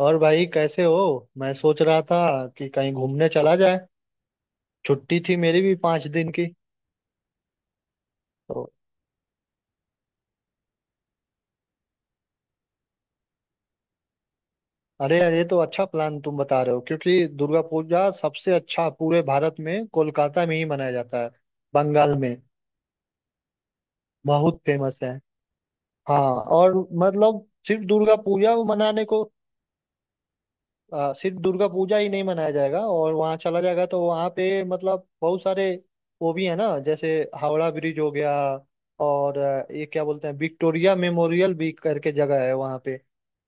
और भाई, कैसे हो? मैं सोच रहा था कि कहीं घूमने चला जाए। छुट्टी थी मेरी भी 5 दिन की। तो अरे यार, ये तो अच्छा प्लान तुम बता रहे हो, क्योंकि दुर्गा पूजा सबसे अच्छा पूरे भारत में कोलकाता में ही मनाया जाता है। बंगाल में बहुत फेमस है। हाँ। और मतलब सिर्फ दुर्गा पूजा मनाने को। सिर्फ दुर्गा पूजा ही नहीं मनाया जाएगा, और वहाँ चला जाएगा तो वहाँ पे मतलब बहुत सारे वो भी है ना, जैसे हावड़ा ब्रिज हो गया। और ये क्या बोलते हैं, विक्टोरिया मेमोरियल भी करके जगह है वहाँ पे।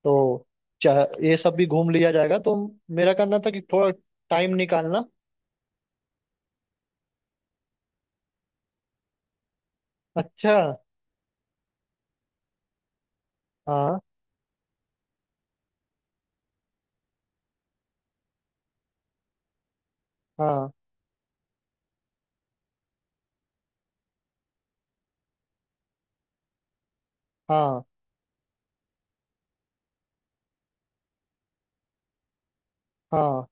तो ये सब भी घूम लिया जाएगा। तो मेरा कहना था कि थोड़ा टाइम निकालना। अच्छा। हाँ, हाँ, हाँ, हाँ।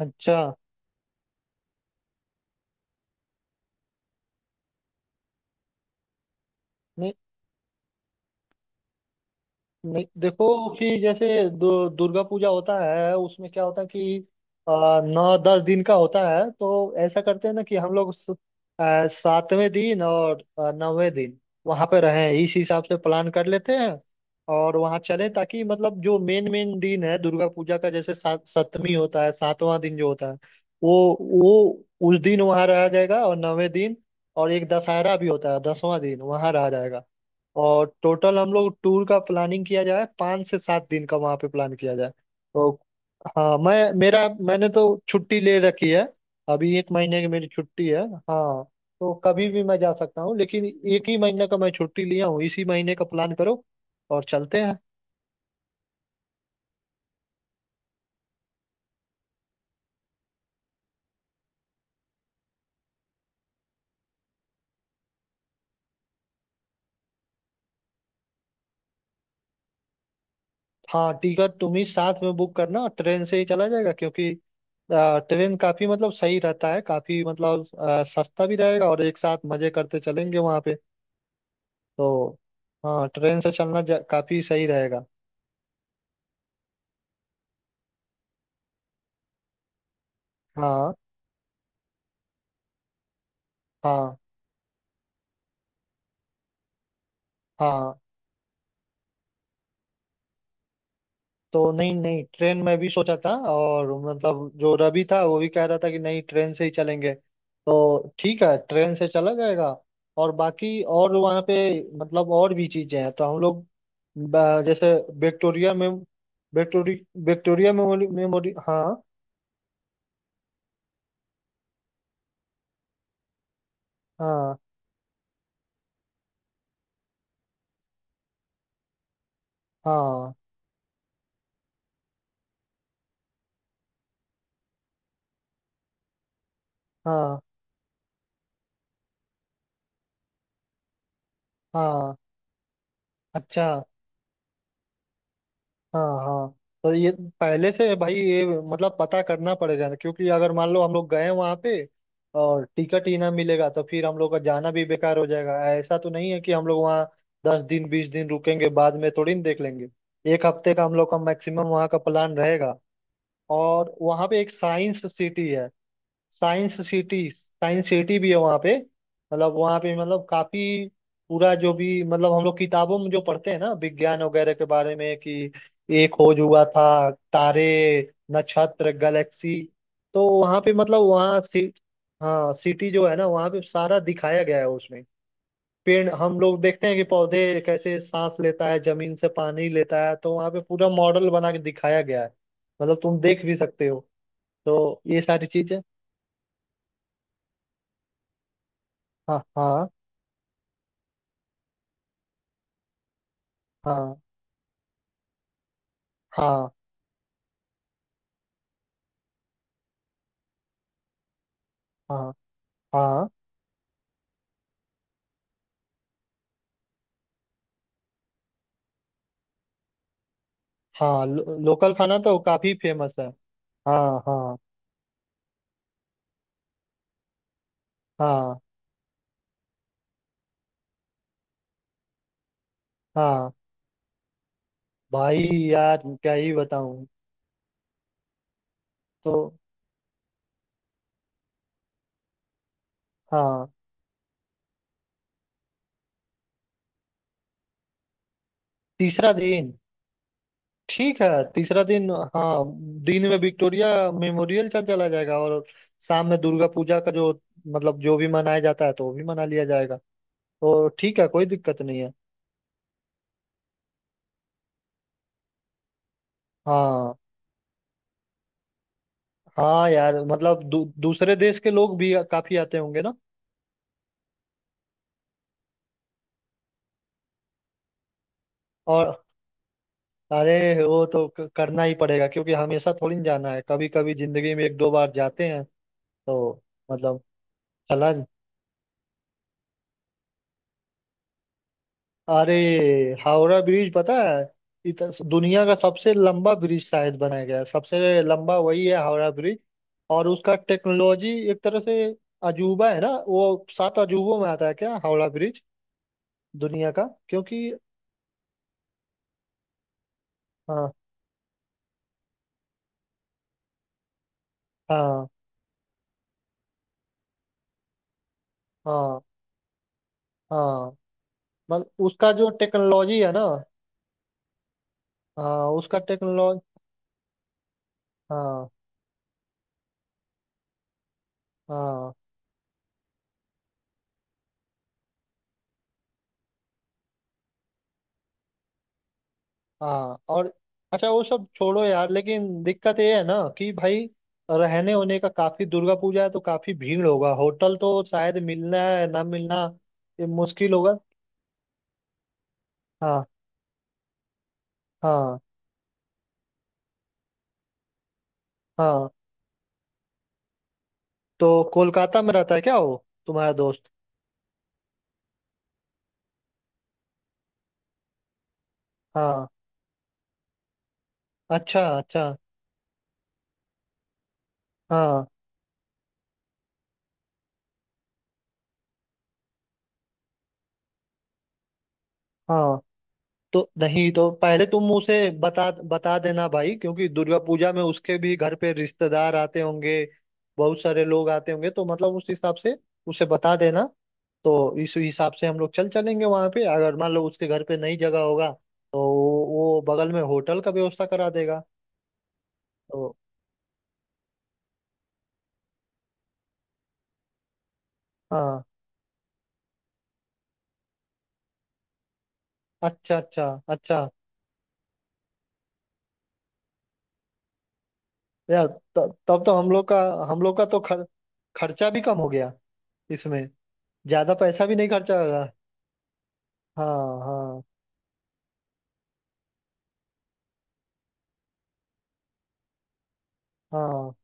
अच्छा। नहीं, नहीं, देखो कि जैसे दुर्गा पूजा होता है, उसमें क्या होता है कि 9-10 दिन का होता है, तो ऐसा करते हैं ना कि हम लोग सातवें दिन और नौवें दिन वहां पे रहें, इस हिसाब से प्लान कर लेते हैं। और वहां चलें ताकि मतलब जो मेन मेन दिन है दुर्गा पूजा का, जैसे सात सप्तमी होता है, सातवां दिन जो होता है, वो उस दिन वहां रहा जाएगा, और नौवें दिन। और एक दशहरा भी होता है, 10वां दिन वहां रहा जाएगा। और टोटल हम लोग टूर का प्लानिंग किया जाए, 5 से 7 दिन का वहाँ पे प्लान किया जाए। तो हाँ। मैंने तो छुट्टी ले रखी है। अभी एक महीने की मेरी छुट्टी है। हाँ। तो कभी भी मैं जा सकता हूँ, लेकिन एक ही महीने का मैं छुट्टी लिया हूँ, इसी महीने का प्लान करो और चलते हैं। हाँ, टिकट तुम ही साथ में बुक करना। ट्रेन से ही चला जाएगा, क्योंकि ट्रेन काफी मतलब सही रहता है, काफी मतलब सस्ता भी रहेगा, और एक साथ मजे करते चलेंगे वहाँ पे। तो हाँ, ट्रेन से चलना काफी सही रहेगा। हाँ, हाँ, हाँ। तो नहीं, नहीं, ट्रेन में भी सोचा था, और मतलब जो रवि था वो भी कह रहा था कि नहीं, ट्रेन से ही चलेंगे। तो ठीक है, ट्रेन से चला जाएगा। और बाकी और वहाँ पे मतलब और भी चीजें हैं, तो हम लोग जैसे विक्टोरिया में विक्टोरी विक्टोरिया मेमोरी मेमोरी। हाँ, हाँ, हाँ, हाँ, हाँ, अच्छा। हाँ, हाँ। तो ये पहले से भाई, ये मतलब पता करना पड़ेगा ना, क्योंकि अगर मान लो हम लोग गए वहाँ पे और टिकट ही ना मिलेगा तो फिर हम लोग का जाना भी बेकार हो जाएगा। ऐसा तो नहीं है कि हम लोग वहाँ 10 दिन 20 दिन रुकेंगे, बाद में थोड़ी ना देख लेंगे। एक हफ्ते का हम लोग का मैक्सिमम वहाँ का प्लान रहेगा। और वहाँ पे एक साइंस सिटी है। साइंस सिटी, साइंस सिटी भी है वहाँ पे। मतलब वहाँ पे मतलब काफी पूरा जो भी, मतलब हम लोग किताबों में जो पढ़ते हैं ना विज्ञान वगैरह के बारे में, कि ये खोज हुआ था, तारे, नक्षत्र, गैलेक्सी। तो वहाँ पे मतलब वहाँ सी हाँ, सिटी जो है ना वहाँ पे सारा दिखाया गया है उसमें। पेड़ हम लोग देखते हैं कि पौधे कैसे सांस लेता है, जमीन से पानी लेता है, तो वहाँ पे पूरा मॉडल बना के दिखाया गया है। मतलब तुम देख भी सकते हो। तो ये सारी चीजें। हाँ, हाँ, हाँ, हाँ, हाँ, हाँ, हाँ, लोकल खाना तो काफी फेमस है। हाँ, हाँ, हाँ, हाँ। भाई, यार क्या ही बताऊं। तो हाँ, तीसरा दिन। ठीक है, तीसरा दिन। हाँ, दिन में विक्टोरिया मेमोरियल चल चला जाएगा, और शाम में दुर्गा पूजा का जो, मतलब जो भी मनाया जाता है, तो वो भी मना लिया जाएगा। तो ठीक है, कोई दिक्कत नहीं है। हाँ, हाँ, यार मतलब दूसरे देश के लोग भी काफी आते होंगे ना। और अरे, वो तो करना ही पड़ेगा, क्योंकि हमेशा थोड़ी ना जाना है, कभी कभी जिंदगी में एक दो बार जाते हैं। तो मतलब चला। अरे, हावड़ा ब्रिज पता है, इत, दुनिया का सबसे लंबा ब्रिज शायद बनाया गया है, सबसे लंबा वही है हावड़ा ब्रिज। और उसका टेक्नोलॉजी एक तरह से अजूबा है ना, वो 7 अजूबों में आता है क्या हावड़ा ब्रिज दुनिया का? क्योंकि हाँ, हाँ, हाँ, हाँ, मतलब उसका जो टेक्नोलॉजी है ना। हाँ, उसका टेक्नोलॉजी। हाँ, हाँ, हाँ। और अच्छा, वो सब छोड़ो यार, लेकिन दिक्कत ये है ना कि भाई रहने होने का, काफी दुर्गा पूजा है तो काफी भीड़ होगा, होटल तो शायद मिलना है ना मिलना, ये मुश्किल होगा। हाँ, हाँ, हाँ। तो कोलकाता में रहता है क्या वो तुम्हारा दोस्त? हाँ, अच्छा, अच्छा। हाँ, हाँ। तो नहीं, तो पहले तुम उसे बता बता देना भाई, क्योंकि दुर्गा पूजा में उसके भी घर पे रिश्तेदार आते होंगे, बहुत सारे लोग आते होंगे, तो मतलब उस हिसाब से उसे बता देना। तो इस हिसाब से हम लोग चल चलेंगे वहां पे, अगर मान लो उसके घर पे नई जगह होगा तो वो बगल में होटल का व्यवस्था करा देगा। तो हाँ, अच्छा, अच्छा, अच्छा। यार तब तो हम लोग का तो खर्चा भी कम हो गया, इसमें ज्यादा पैसा भी नहीं खर्चा होगा। हाँ, हाँ, हाँ।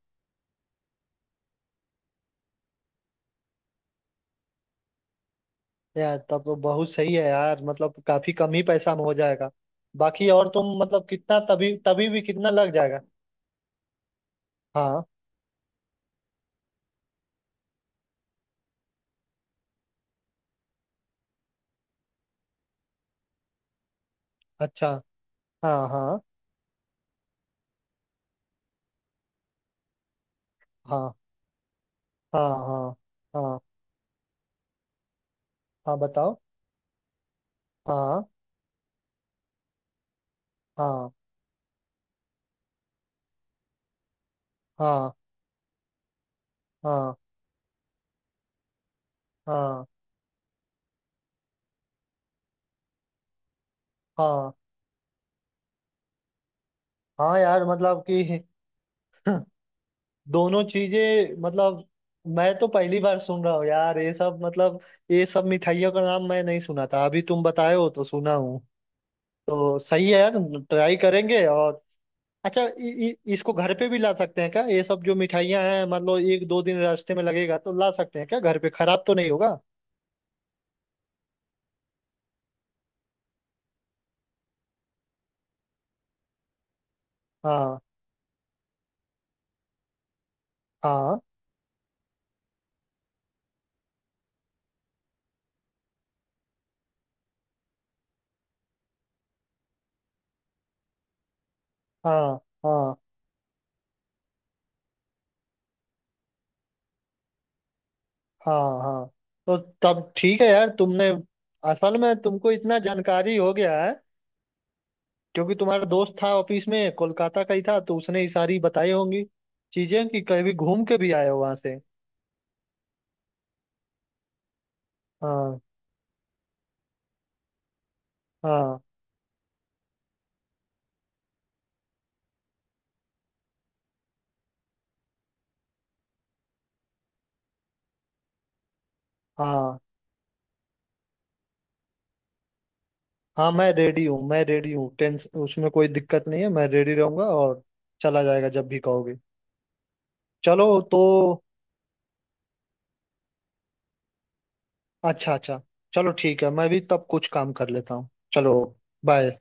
यार तब तो बहुत सही है यार, मतलब काफी कम ही पैसा में हो जाएगा। बाकी और तुम मतलब कितना, तभी तभी भी कितना लग जाएगा? हाँ, अच्छा। हाँ, हाँ, हाँ, हाँ, हाँ, हाँ। हाँ, बताओ। हाँ, हाँ, हाँ, हाँ, हाँ। हाँ, हाँ, यार मतलब कि दोनों चीजें मतलब मैं तो पहली बार सुन रहा हूँ यार, ये सब मतलब ये सब मिठाइयों का नाम मैं नहीं सुना था, अभी तुम बताए हो तो सुना हूँ। तो सही है यार, ट्राई करेंगे। और अच्छा, इ, इ, इसको घर पे भी ला सकते हैं क्या, ये सब जो मिठाइयाँ हैं? मान लो एक दो दिन रास्ते में लगेगा तो ला सकते हैं क्या घर पे, खराब तो नहीं होगा? हाँ, हाँ, हाँ, हाँ, हाँ, हाँ। तो तब ठीक है यार, तुमने असल में तुमको इतना जानकारी हो गया है, क्योंकि तुम्हारा दोस्त था ऑफिस में, कोलकाता का ही था, तो उसने ही सारी बताई होंगी चीजें, कि कभी घूम के भी आए हो वहां से। हाँ, हाँ, हाँ, हाँ। मैं रेडी हूँ, मैं रेडी हूँ, टेंस उसमें कोई दिक्कत नहीं है, मैं रेडी रहूंगा, और चला जाएगा जब भी कहोगे। चलो। तो अच्छा, अच्छा। चलो ठीक है, मैं भी तब कुछ काम कर लेता हूँ। चलो। बाय।